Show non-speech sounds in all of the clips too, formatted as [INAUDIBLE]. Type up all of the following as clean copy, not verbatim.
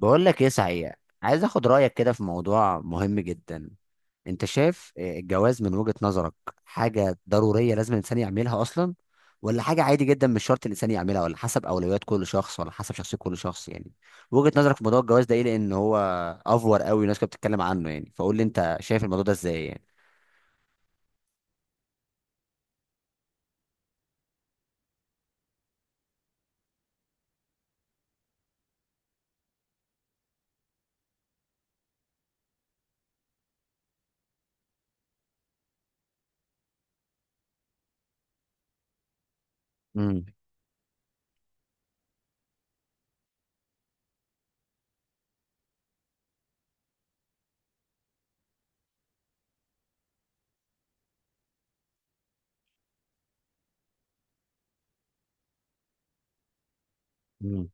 بقول لك ايه صحيح. عايز اخد رايك كده في موضوع مهم جدا. انت شايف إيه الجواز من وجهة نظرك؟ حاجه ضروريه لازم الانسان يعملها اصلا، ولا حاجه عادي جدا مش شرط الانسان يعملها، ولا حسب اولويات كل شخص، ولا حسب شخصيه كل شخص يعني؟ وجهة نظرك في موضوع الجواز ده ايه؟ لان هو افور قوي والناس كانت بتتكلم عنه، يعني فقول لي انت شايف الموضوع ده ازاي يعني. امم امم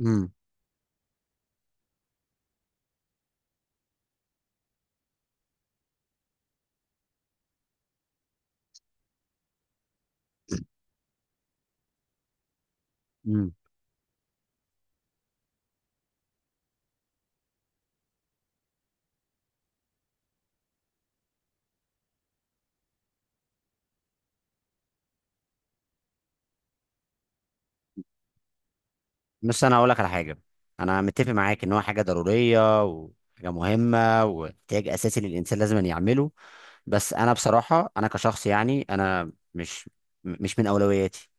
امم امم بس انا هقول لك على حاجه. انا متفق معاك ان هو حاجه ضروريه وحاجه مهمه واحتياج اساسي للانسان لازم أن يعمله. بس انا بصراحه انا كشخص يعني انا مش من اولوياتي.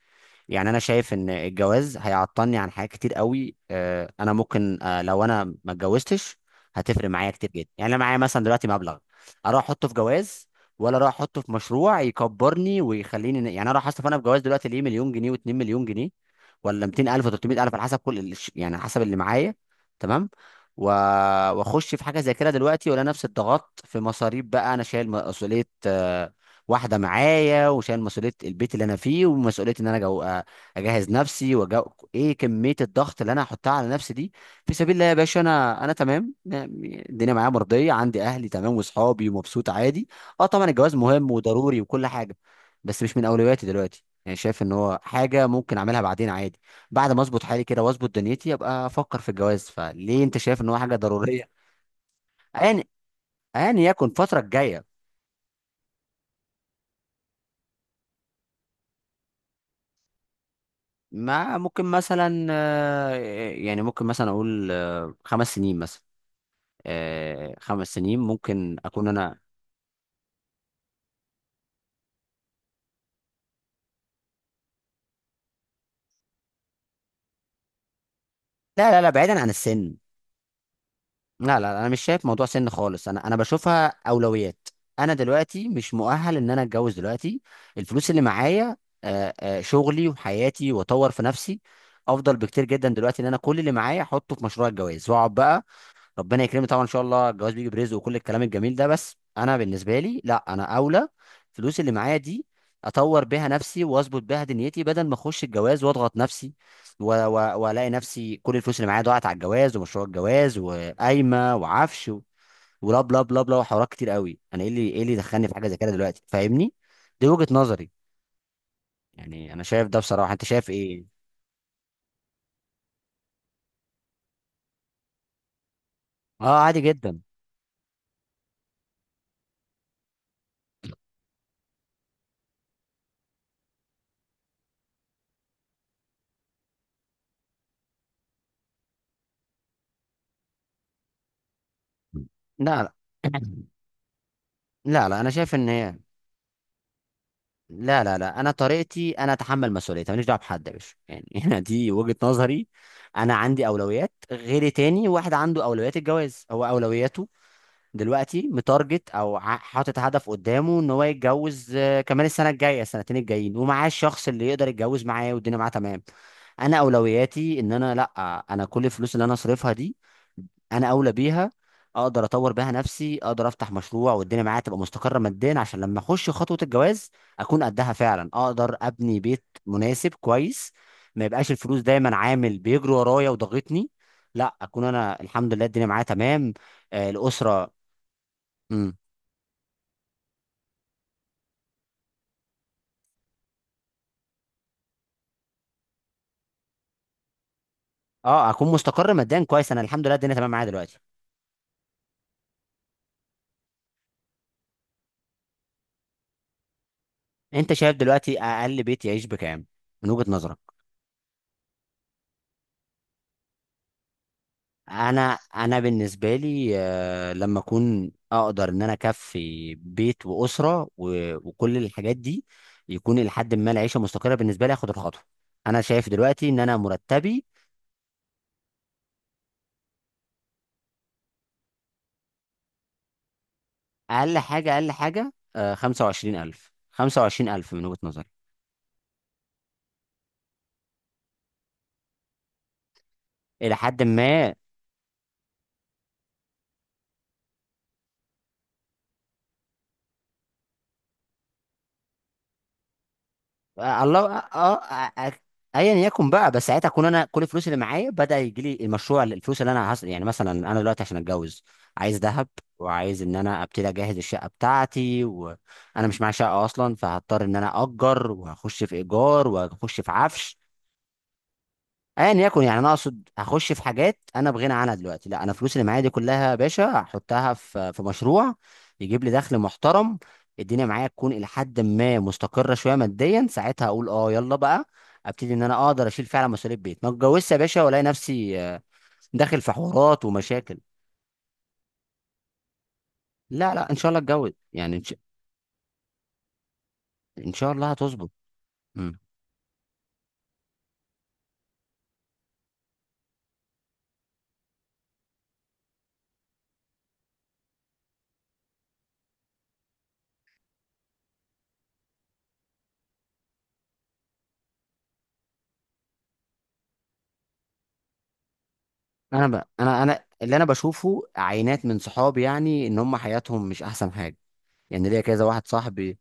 يعني انا شايف ان الجواز هيعطلني عن حاجات كتير قوي، انا ممكن، لو انا ما اتجوزتش هتفرق معايا كتير جدا. يعني انا معايا مثلا دلوقتي مبلغ، اروح احطه في جواز، ولا اروح احطه في مشروع يكبرني ويخليني يعني انا راح اصرف انا في جواز دلوقتي ليه مليون جنيه و2 مليون جنيه، ولا 200000 و300 الف على حسب يعني على حسب اللي معايا. تمام. و... واخش في حاجه زي كده دلوقتي ولا نفس الضغط في مصاريف بقى؟ انا شايل مسؤوليه واحده معايا، وشايل مسؤوليه البيت اللي انا فيه، ومسؤوليه ان انا جو... آه، اجهز نفسي ايه كميه الضغط اللي انا هحطها على نفسي دي؟ في سبيل الله يا باشا، انا تمام. الدنيا معايا مرضيه، عندي اهلي تمام واصحابي، ومبسوط عادي. اه طبعا الجواز مهم وضروري وكل حاجه، بس مش من اولوياتي دلوقتي. يعني شايف ان هو حاجه ممكن اعملها بعدين عادي، بعد ما اظبط حالي كده واظبط دنيتي ابقى افكر في الجواز. فليه انت شايف ان هو حاجه ضروريه؟ يعني يعني يكون الفتره الجايه. ما ممكن مثلا، يعني ممكن مثلا اقول خمس سنين مثلا، خمس سنين ممكن اكون انا. لا بعيدا عن السن. لا لا لا، انا مش شايف موضوع سن خالص، انا بشوفها اولويات. انا دلوقتي مش مؤهل ان انا اتجوز دلوقتي. الفلوس اللي معايا، شغلي وحياتي واطور في نفسي افضل بكتير جدا دلوقتي ان انا كل اللي معايا احطه في مشروع الجواز واقعد بقى. ربنا يكرمني طبعا ان شاء الله، الجواز بيجي برزق وكل الكلام الجميل ده، بس انا بالنسبه لي لا، انا اولى. الفلوس اللي معايا دي اطور بيها نفسي واظبط بيها دنيتي، بدل ما اخش الجواز واضغط نفسي والاقي نفسي كل الفلوس اللي معايا ضاعت على الجواز ومشروع الجواز وقايمه وعفش ولا بلا بلا بلا وحوارات كتير قوي. انا ايه اللي دخلني في حاجه زي كده دلوقتي؟ فاهمني. دي وجهه نظري، يعني انا شايف ده بصراحه. انت شايف ايه؟ اه عادي جدا. لا لا. [CLEARS THROAT] لا لا، انا شايف ان هي. لا انا طريقتي انا اتحمل مسؤوليتي، ماليش دعوه بحد يا باشا يعني. [LAUGHS] انا دي وجهه نظري. انا عندي اولويات، غيري تاني واحد عنده اولويات الجواز هو اولوياته، دلوقتي متارجت او حاطط هدف قدامه ان هو يتجوز كمان السنه الجايه السنتين الجايين، ومعاه الشخص اللي يقدر يتجوز معاه والدنيا معاه تمام. انا اولوياتي ان انا لا، انا كل الفلوس اللي انا اصرفها دي انا اولى بيها. اقدر اطور بيها نفسي، اقدر افتح مشروع والدنيا معايا تبقى مستقره ماديا، عشان لما اخش خطوه الجواز اكون قدها فعلا، اقدر ابني بيت مناسب كويس، ما يبقاش الفلوس دايما عامل بيجري ورايا وضاغطني. لا اكون انا الحمد لله الدنيا معايا تمام. آه الاسره. امم. اه اكون مستقر ماديا كويس، انا الحمد لله الدنيا تمام معايا دلوقتي. انت شايف دلوقتي اقل بيت يعيش بكام من وجهه نظرك؟ انا بالنسبه لي لما اكون اقدر ان انا اكفي بيت واسره وكل الحاجات دي، يكون لحد ما العيشه مستقره بالنسبه لي اخد الخطوه. انا شايف دلوقتي ان انا مرتبي، اقل حاجه 25000، 25000 من وجهه نظري، الى حد ما. آه، الله اه آه، آه، آه، ايا يكن بقى، بس ساعتها اكون انا كل الفلوس اللي معايا بدا يجي لي المشروع، الفلوس اللي انا هصرف. يعني مثلا انا دلوقتي عشان اتجوز عايز ذهب، وعايز ان انا ابتدي اجهز الشقه بتاعتي، وانا مش معايا شقه اصلا فهضطر ان انا اجر، وهخش في ايجار وهخش في عفش. ايا يكن، يعني انا اقصد هخش في حاجات انا بغنى عنها دلوقتي. لا، انا فلوس اللي معايا دي كلها يا باشا هحطها في مشروع يجيب لي دخل محترم، الدنيا معايا تكون الى حد ما مستقره شويه ماديا. ساعتها اقول اه يلا بقى، ابتدي ان انا اقدر اشيل فعلا مسؤوليه بيت. ما اتجوزش يا باشا والاقي نفسي داخل في حوارات ومشاكل. لا لا، ان شاء الله اتجوز يعني ان شاء، إن شاء الله هتظبط. مم. انا بقى، انا اللي انا بشوفه عينات من صحابي يعني ان هم حياتهم مش احسن حاجه. يعني ليا كذا واحد صاحبي.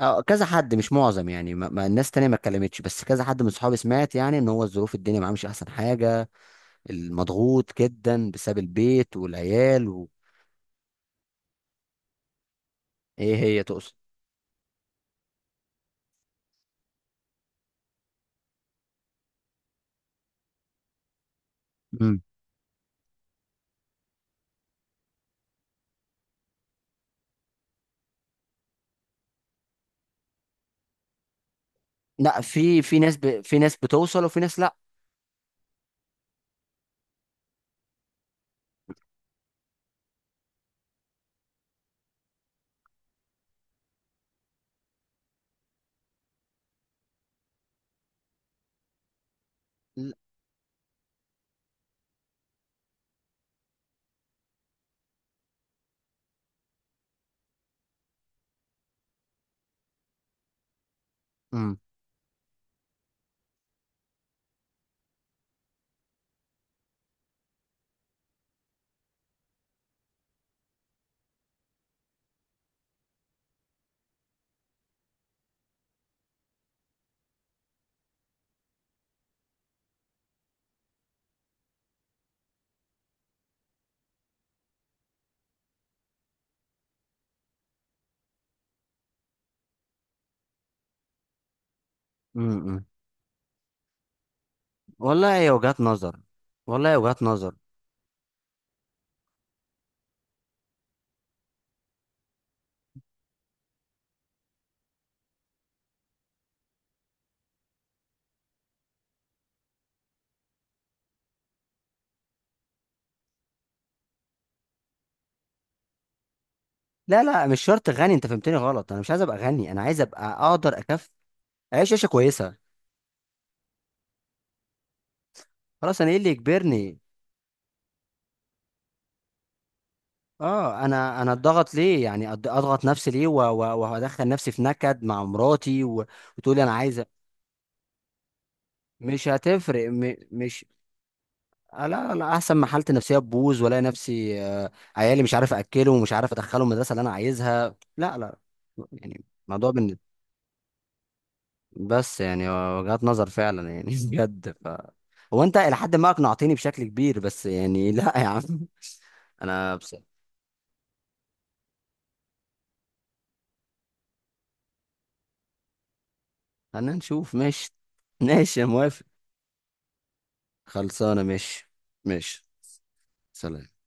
اه كذا حد مش معظم، يعني الناس تانية ما اتكلمتش، بس كذا حد من صحابي سمعت يعني ان هو الظروف الدنيا معاه مش احسن حاجة، المضغوط جدا بسبب البيت والعيال ايه هي تقصد؟ امم. لا في في ناس في ناس بتوصل وفي ناس لا. امم. امم. والله هي وجهات نظر. والله هي وجهات نظر. لا لا مش شرط غني، انت فهمتني غلط، انا مش عايز ابقى غني، انا عايز ابقى اقدر اكف، اعيش عيشة كويسة. خلاص انا ايه اللي يجبرني؟ اه انا اتضغط ليه يعني؟ اضغط نفسي ليه وهدخل نفسي في نكد مع مراتي وتقولي انا عايزه؟ مش هتفرق م... مش، آه لا انا احسن ما حالتي النفسيه تبوظ والاقي نفسي عيالي مش عارف اكله، ومش عارف ادخله المدرسه اللي انا عايزها. لا لا. يعني موضوع بن... بس يعني وجهات نظر فعلا يعني. [LAUGHS] بجد ف، هو انت الى حد ما اقنعتني بشكل كبير، بس يعني. [LAUGHS] لا يا عم. [LAUGHS] انا بس. خلينا نشوف ماشي. ماشي يا موافق. خلصانة ماشي. ماشي. سلام.